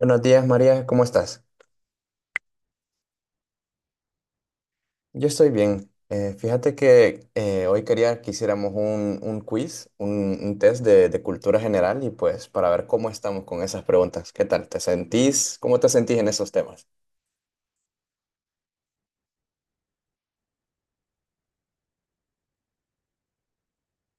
Buenos días, María, ¿cómo estás? Yo estoy bien. Fíjate que hoy quería que hiciéramos un quiz, un test de cultura general y pues para ver cómo estamos con esas preguntas. ¿Qué tal? ¿Te sentís? ¿Cómo te sentís en esos temas?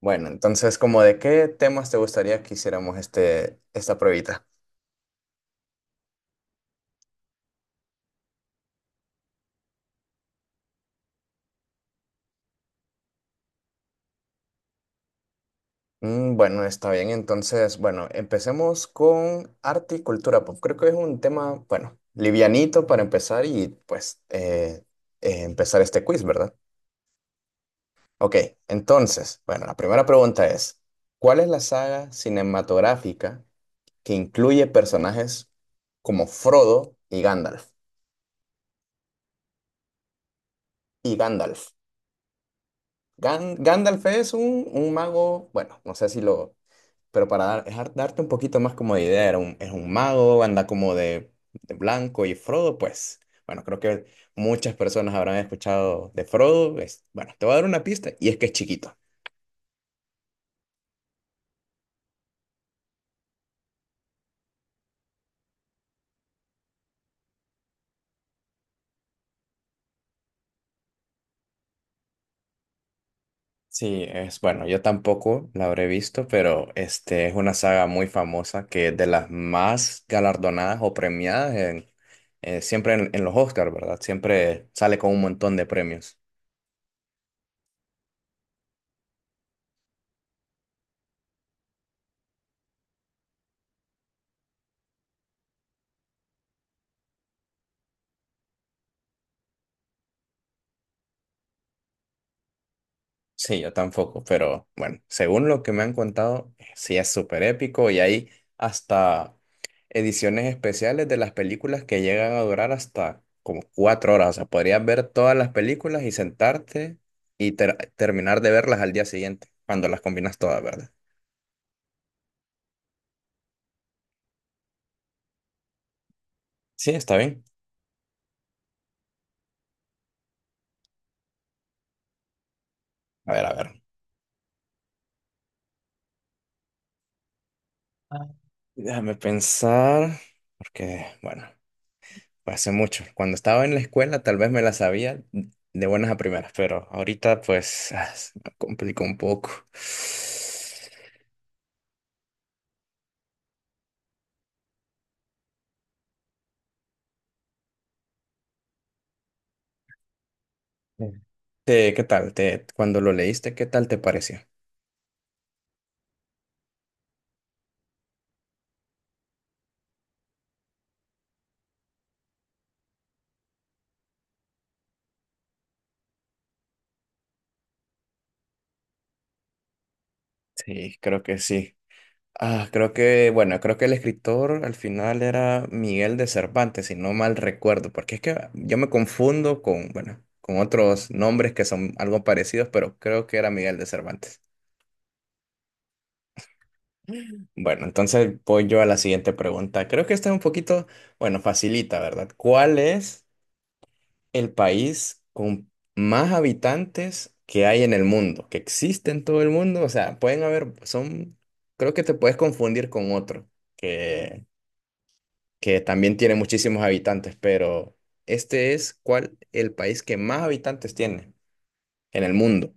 Bueno, entonces, ¿como de qué temas te gustaría que hiciéramos esta pruebita? Mm, bueno, está bien. Entonces, bueno, empecemos con arte y cultura pop. Creo que es un tema, bueno, livianito para empezar y pues empezar este quiz, ¿verdad? Ok, entonces, bueno, la primera pregunta es, ¿cuál es la saga cinematográfica que incluye personajes como Frodo y Gandalf? Y Gandalf. Gandalf es un mago, bueno, no sé si lo, pero para darte un poquito más como de idea, es un mago, anda como de blanco y Frodo, pues, bueno, creo que muchas personas habrán escuchado de Frodo. Bueno, te voy a dar una pista y es que es chiquito. Sí, es bueno, yo tampoco la habré visto, pero este es una saga muy famosa que es de las más galardonadas o premiadas en, siempre en los Oscars, ¿verdad? Siempre sale con un montón de premios. Sí, yo tampoco, pero bueno, según lo que me han contado, sí es súper épico y hay hasta ediciones especiales de las películas que llegan a durar hasta como 4 horas. O sea, podrías ver todas las películas y sentarte y terminar de verlas al día siguiente, cuando las combinas todas, ¿verdad? Sí, está bien. A ver, a ver. Ah, déjame pensar, porque, bueno, fue hace mucho. Cuando estaba en la escuela, tal vez me la sabía de buenas a primeras, pero ahorita pues ah, se me complicó un poco. Mm. ¿Qué tal te, cuando lo leíste, qué tal te pareció? Sí, creo que sí. Ah, creo que, bueno, creo que el escritor al final era Miguel de Cervantes, si no mal recuerdo, porque es que yo me confundo con, bueno, con otros nombres que son algo parecidos, pero creo que era Miguel de Cervantes. Bueno, entonces voy yo a la siguiente pregunta. Creo que esta es un poquito, bueno, facilita, ¿verdad? ¿Cuál es el país con más habitantes que hay en el mundo, que existe en todo el mundo? O sea, pueden haber, son, creo que te puedes confundir con otro, que, que también tiene muchísimos habitantes, pero este es cuál el país que más habitantes tiene en el mundo.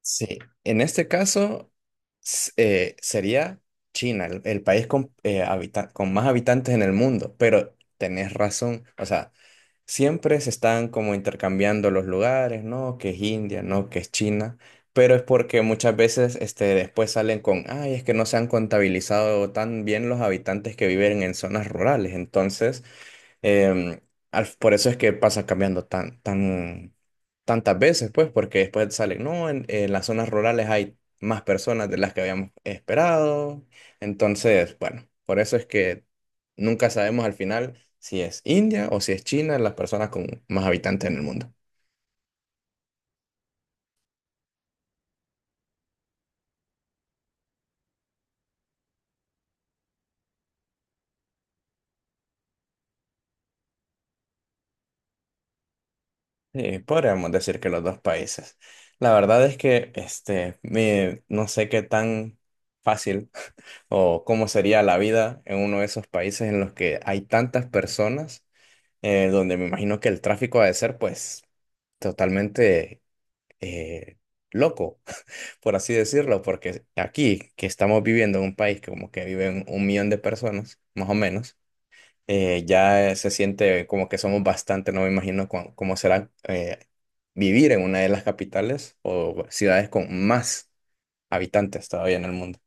Sí, en este caso sería China, el país con, con más habitantes en el mundo, pero tenés razón, o sea, siempre se están como intercambiando los lugares, ¿no? Que es India, ¿no? Que es China, pero es porque muchas veces este, después salen con, ay, es que no se han contabilizado tan bien los habitantes que viven en zonas rurales, entonces Em, por eso es que pasa cambiando tantas veces, pues, porque después salen, no, en las zonas rurales hay más personas de las que habíamos esperado. Entonces, bueno, por eso es que nunca sabemos al final si es India o si es China las personas con más habitantes en el mundo. Sí, podríamos decir que los dos países. La verdad es que este, no sé qué tan fácil o cómo sería la vida en uno de esos países en los que hay tantas personas, donde me imagino que el tráfico ha de ser pues totalmente eh, loco, por así decirlo, porque aquí que estamos viviendo en un país que como que viven 1 millón de personas, más o menos, ya se siente como que somos bastante, no me imagino cómo será vivir en una de las capitales o ciudades con más habitantes todavía en el mundo.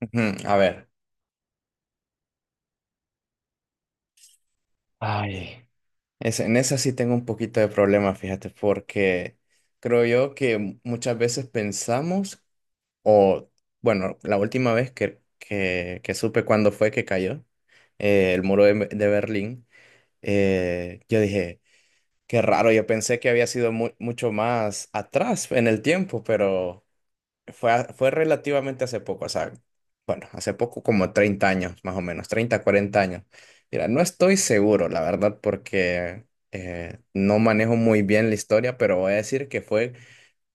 Ujú, a ver. Ay, en esa sí tengo un poquito de problema, fíjate, porque creo yo que muchas veces pensamos, o bueno, la última vez que supe cuándo fue que cayó el muro de Berlín, yo dije, qué raro, yo pensé que había sido mucho más atrás en el tiempo, pero fue, fue relativamente hace poco, o sea, bueno, hace poco como 30 años, más o menos, 30, 40 años. Mira, no estoy seguro, la verdad, porque no manejo muy bien la historia, pero voy a decir que fue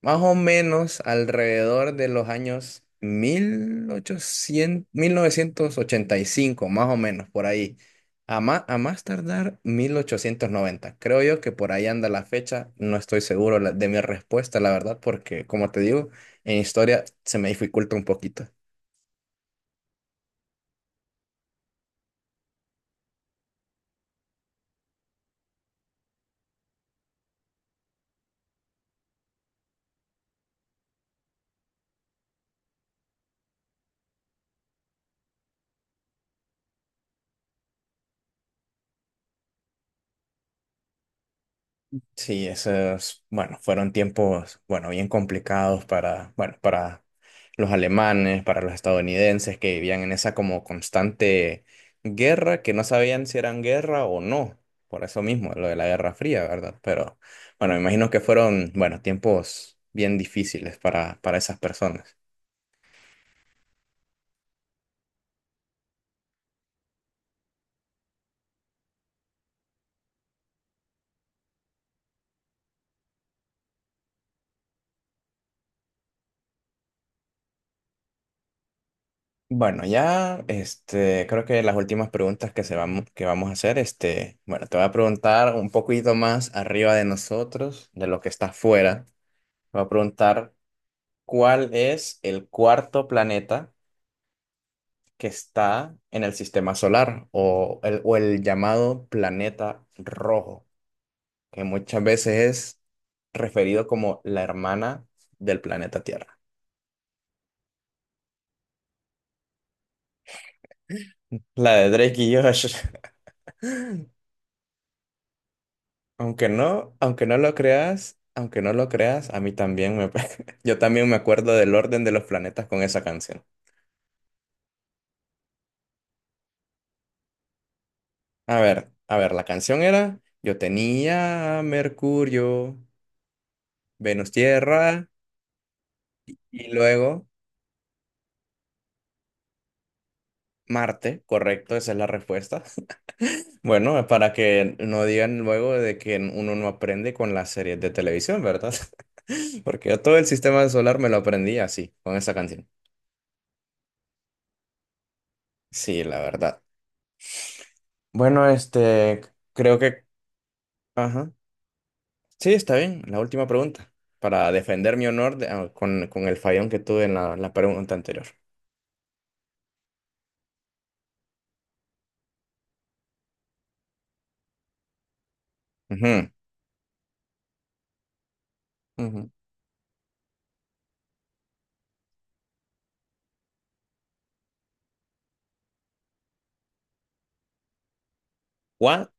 más o menos alrededor de los años 1800, 1985 más o menos por ahí. A más tardar 1890. Creo yo que por ahí anda la fecha. No estoy seguro de mi respuesta, la verdad, porque como te digo, en historia se me dificulta un poquito. Sí, esos, bueno, fueron tiempos, bueno, bien complicados para, bueno, para los alemanes, para los estadounidenses que vivían en esa como constante guerra, que no sabían si eran guerra o no, por eso mismo, lo de la Guerra Fría, ¿verdad? Pero, bueno, me imagino que fueron, bueno, tiempos bien difíciles para esas personas. Bueno, ya, este, creo que las últimas preguntas que se vamos, que vamos a hacer, este, bueno, te voy a preguntar un poquito más arriba de nosotros, de lo que está afuera. Voy a preguntar cuál es el cuarto planeta que está en el sistema solar o o el llamado planeta rojo, que muchas veces es referido como la hermana del planeta Tierra. La de Drake y Josh. Aunque no lo creas, aunque no lo creas, a mí también me, yo también me acuerdo del orden de los planetas con esa canción. A ver, la canción era: yo tenía a Mercurio, Venus, Tierra y luego Marte, correcto, esa es la respuesta. Bueno, para que no digan luego de que uno no aprende con las series de televisión, ¿verdad? Porque yo todo el sistema solar me lo aprendí así, con esa canción. Sí, la verdad. Bueno, este, creo que ajá. Sí, está bien. La última pregunta, para defender mi honor ah, con el fallón que tuve en la pregunta anterior. Ujú, ujú. ¿Cuál?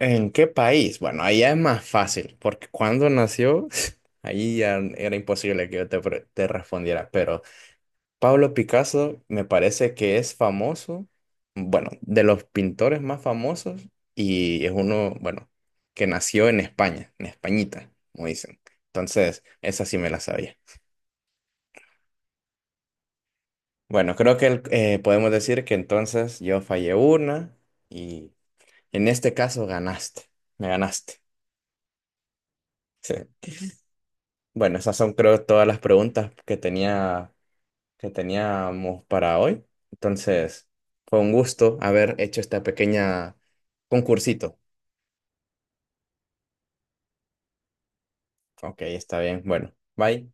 ¿En qué país? Bueno, ahí ya es más fácil, porque cuando nació, ahí ya era imposible que yo te, te respondiera, pero Pablo Picasso me parece que es famoso, bueno, de los pintores más famosos y es uno, bueno, que nació en España, en Españita, como dicen. Entonces, esa sí me la sabía. Bueno, creo que podemos decir que entonces yo fallé una y en este caso ganaste, me ganaste. Sí. Bueno, esas son creo todas las preguntas que tenía, que teníamos para hoy. Entonces, fue un gusto haber hecho esta pequeña concursito. Ok, está bien. Bueno, bye.